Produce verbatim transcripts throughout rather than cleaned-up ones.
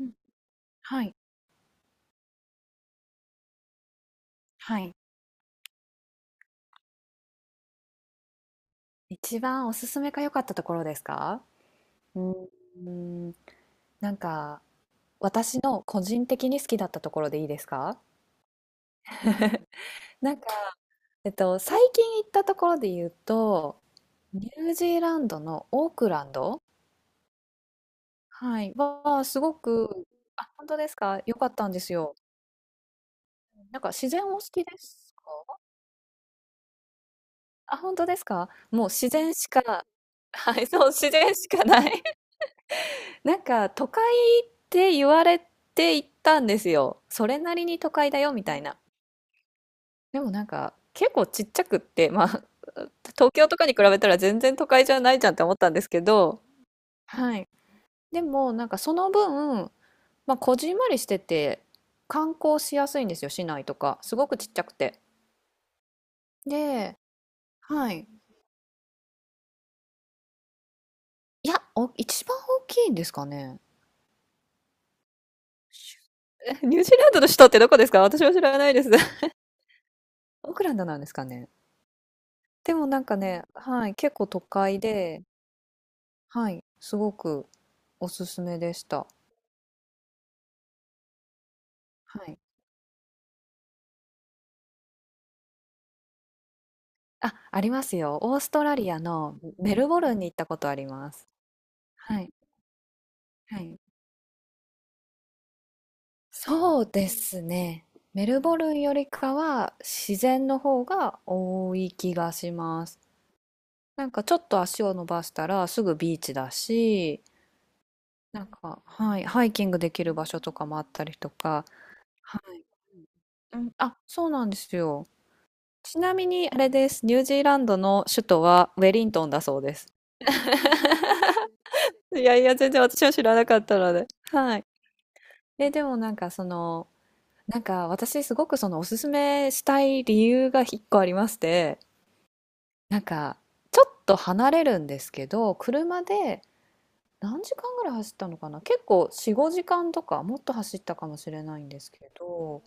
うん、はい、はい。一番おすすめが良かったところですか？うーん、なんか私の個人的に好きだったところでいいですか？ なんか、えっと、最近行ったところで言うと、ニュージーランドのオークランド、はい、はすごく、あ、本当ですか？良かったんですよ。なんか自然お好きですか？あ、本当ですか？もう自然しか、はい、そう、自然しかない。なんか都会って言われて行ったんですよ。それなりに都会だよみたいな。でもなんか結構ちっちゃくって、まあ東京とかに比べたら全然都会じゃないじゃんって思ったんですけど、はい。でもなんかその分、まあこじんまりしてて観光しやすいんですよ、市内とか。すごくちっちゃくて。で、はい。いや、お、一番大きいんですかね。え、ニュージーランドの首都ってどこですか？私は知らないです。オークランドなんですかね。でもなんかね、はい、結構都会で、はい、すごくおすすめでした。はい。あ、ありますよ。オーストラリアのメルボルンに行ったことあります。はい、はい。そうですね。メルボルンよりかは自然の方が多い気がします。なんかちょっと足を伸ばしたらすぐビーチだし、なんか、はい、ハイキングできる場所とかもあったりとか、はい。うん、あ、そうなんですよ。ちなみにあれです。ニュージーランドの首都はウェリントンだそうです。いやいや、全然私は知らなかったので。はい。え、でもなんかその、なんか私すごくそのおすすめしたい理由が一個ありまして、なんかちょっと離れるんですけど、車で何時間ぐらい走ったのかな？結構よん、ごじかんとかもっと走ったかもしれないんですけど、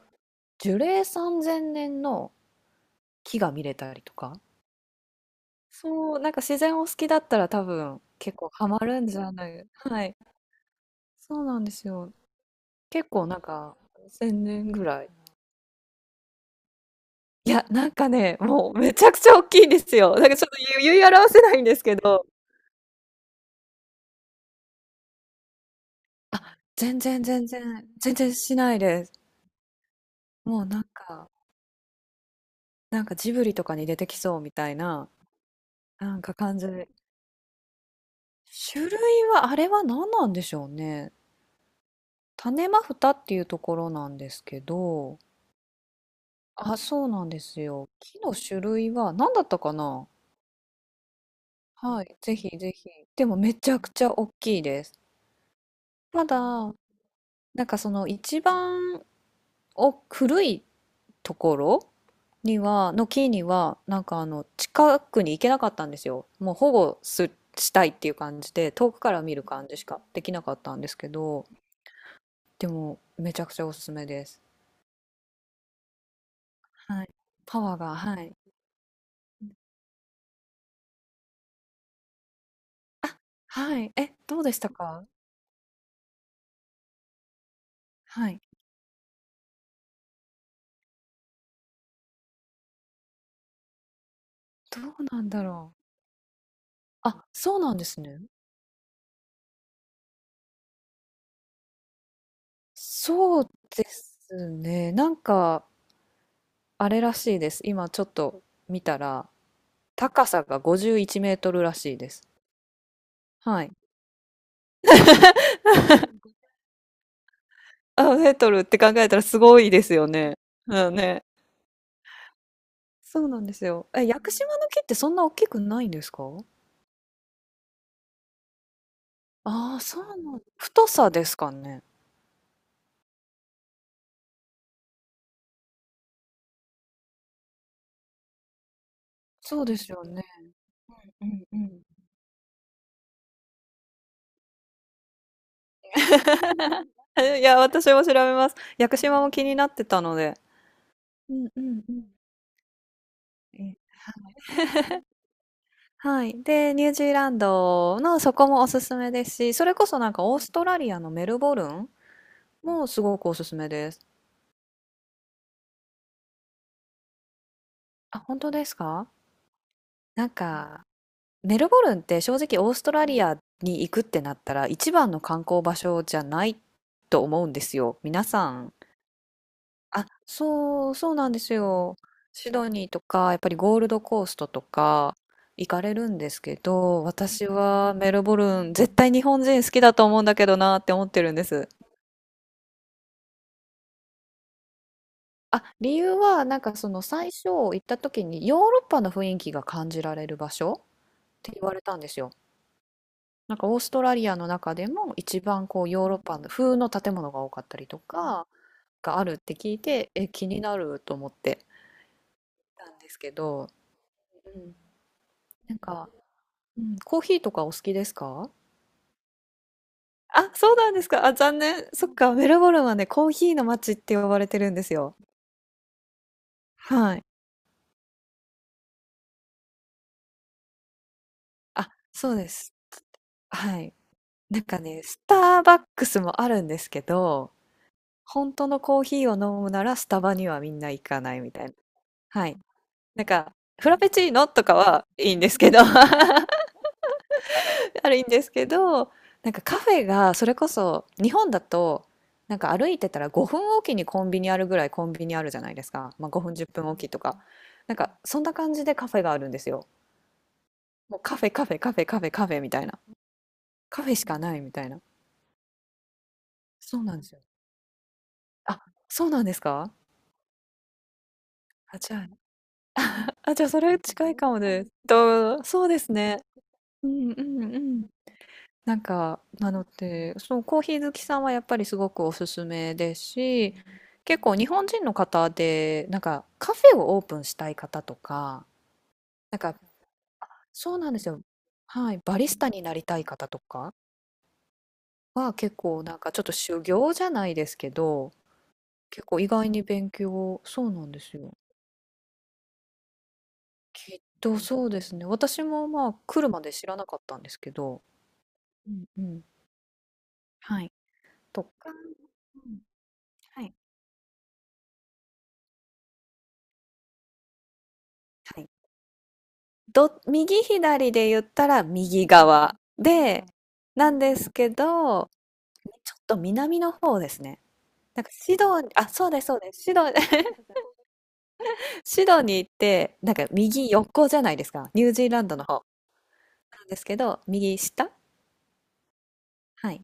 樹齢さんぜんねんの木が見れたりとか。そう、なんか自然を好きだったら多分結構ハマるんじゃない。はい。そうなんですよ。結構なんかせんねんぐらい。いや、なんかね、もうめちゃくちゃ大きいんですよ。なんかちょっと言い言い表せないんですけど。あ、全然全然、全然しないです。もうなんか、なんかジブリとかに出てきそうみたいな、なんか感じで。種類は、あれは何なんでしょうね。種マフタっていうところなんですけど、あ、そうなんですよ。木の種類は何だったかな。はい、ぜひぜひ。でもめちゃくちゃ大きいです。ただ、なんかその一番お古いところには、の木には、なんかあの、近くに行けなかったんですよ。もう保護す、したいっていう感じで、遠くから見る感じしかできなかったんですけど、でもめちゃくちゃおすすめです。はい。パワーが、はい。はい。え、どうでしたか？はい。どうなんだろう。あ、そうなんですね。そうですね。なんか、あれらしいです。今ちょっと見たら、高さがごじゅういちメートルらしいです。はい。あ、メートルって考えたらすごいですよね。うんね。そうなんですよ。え、屋久島の木ってそんな大きくないんですか？ああー、そうなん。太さですかね。そうですよね。うんうん。いや、私も調べます。屋久島も気になってたので。うんうんうん。え、はい。で、ニュージーランドのそこもおすすめですし、それこそなんかオーストラリアのメルボルンもすごくおすすめです。あ、本当ですか？なんか、メルボルンって正直オーストラリアに行くってなったら一番の観光場所じゃないと思うんですよ。皆さん。あ、そう、そうなんですよ。シドニーとか、やっぱりゴールドコーストとか行かれるんですけど、私はメルボルン絶対日本人好きだと思うんだけどなって思ってるんです。あ、理由はなんかその最初行った時にヨーロッパの雰囲気が感じられる場所って言われたんですよ。なんかオーストラリアの中でも一番こうヨーロッパの風の建物が多かったりとかがあるって聞いて、え、気になると思ってたんですけど、うん、なんか、うん、コーヒーとかお好きですか？あ、そうなんですか。あ、残念。そっか、メルボルンはね、コーヒーの街って呼ばれてるんですよ。はい。あ、そうです。はい。なんかね、スターバックスもあるんですけど、本当のコーヒーを飲むならスタバにはみんな行かないみたいな。はい。なんか、フラペチーノとかはいいんですけど、あるんですけど、なんかカフェがそれこそ日本だと、なんか歩いてたらごふんおきにコンビニあるぐらいコンビニあるじゃないですか。まあごふんじゅっぷんおきとか。なんかそんな感じでカフェがあるんですよ。もうカフェカフェカフェカフェカフェみたいな。カフェしかないみたいな。そうなんですよ。あ、そうなんですか？あ、じゃあ、あ、じゃあ、それ近いかもです。と、そうですね。うんうんうん。なんか、なので、そう、コーヒー好きさんはやっぱりすごくおすすめですし、結構日本人の方で、なんかカフェをオープンしたい方とか、なんか、そうなんですよ。はい、バリスタになりたい方とかは結構なんかちょっと修行じゃないですけど、結構意外に勉強、そうなんですよ。きっとそうですね。私もまあ来るまで知らなかったんですけど、うんうん。はい。とか、うん。はい。はい。ど右左で言ったら右側で、なんですけど、ちょっと南の方ですね。なんかシドあ、そうですそうです。シド シドニーって、なんか右横じゃないですか。ニュージーランドの方。なんですけど、右下、はい。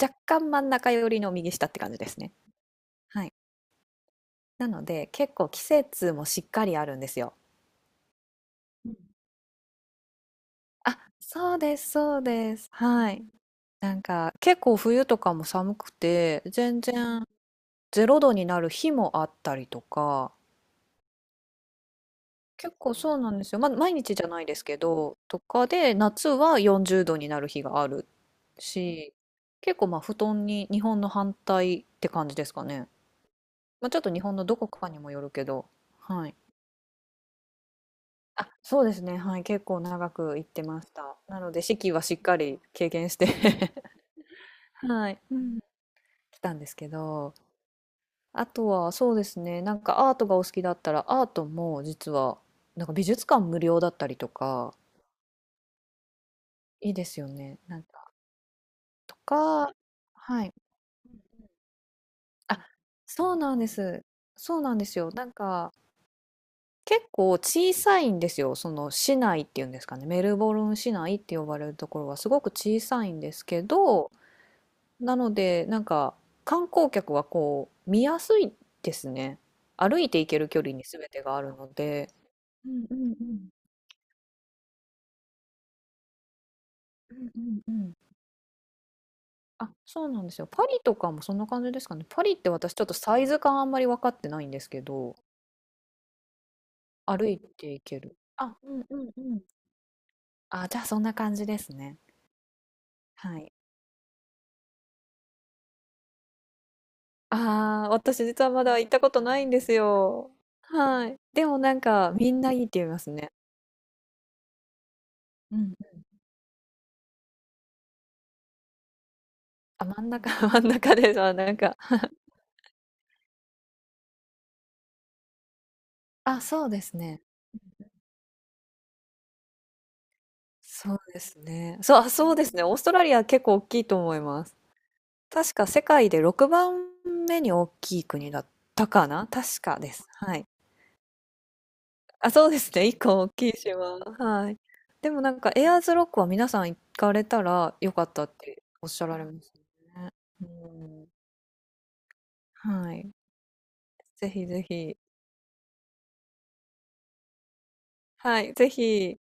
若干真ん中寄りの右下って感じですね。はい。なので、結構季節もしっかりあるんですよ。うん。あ、そうですそうです。はい。なんか結構冬とかも寒くて全然れいどになる日もあったりとか、結構そうなんですよ。まあ、毎日じゃないですけどとかで夏はよんじゅうどになる日があるし、結構まあ布団に日本の反対って感じですかね、まあ、ちょっと日本のどこかにもよるけど、はい、あ、そうですね、はい、結構長く行ってました。なので四季はしっかり経験して はい、うん、来たんですけど、あとはそうですね、なんかアートがお好きだったらアートも実はなんか美術館無料だったりとか、いいですよね。なんかとか、はい。あ、そうなんです。そうなんですよ。なんか結構小さいんですよ。その市内っていうんですかね。メルボルン市内って呼ばれるところはすごく小さいんですけど、なのでなんか観光客はこう見やすいですね。歩いて行ける距離に全てがあるので。うんうんうん。うんうんうん。あ、そうなんですよ。パリとかもそんな感じですかね。パリって私ちょっとサイズ感あんまり分かってないんですけど、歩いていける。あ、うんうんうん。あ、じゃあそんな感じですね。はい。ああ、私実はまだ行ったことないんですよ。はい。でもなんかみんないいって言いますね。うん。あ、真ん中、真ん中です。あ、なんか。あ、そうですね。そうですね。そう、あ、そうですね。オーストラリア結構大きいと思います。確か世界でろくばんめに大きい国だったかな、確かです。はい。あ、そうですね。一個大きい島。はい。でもなんかエアーズロックは皆さん行かれたらよかったっておっしゃられますね。うん。はい。ぜひぜひ。はい。ぜひ。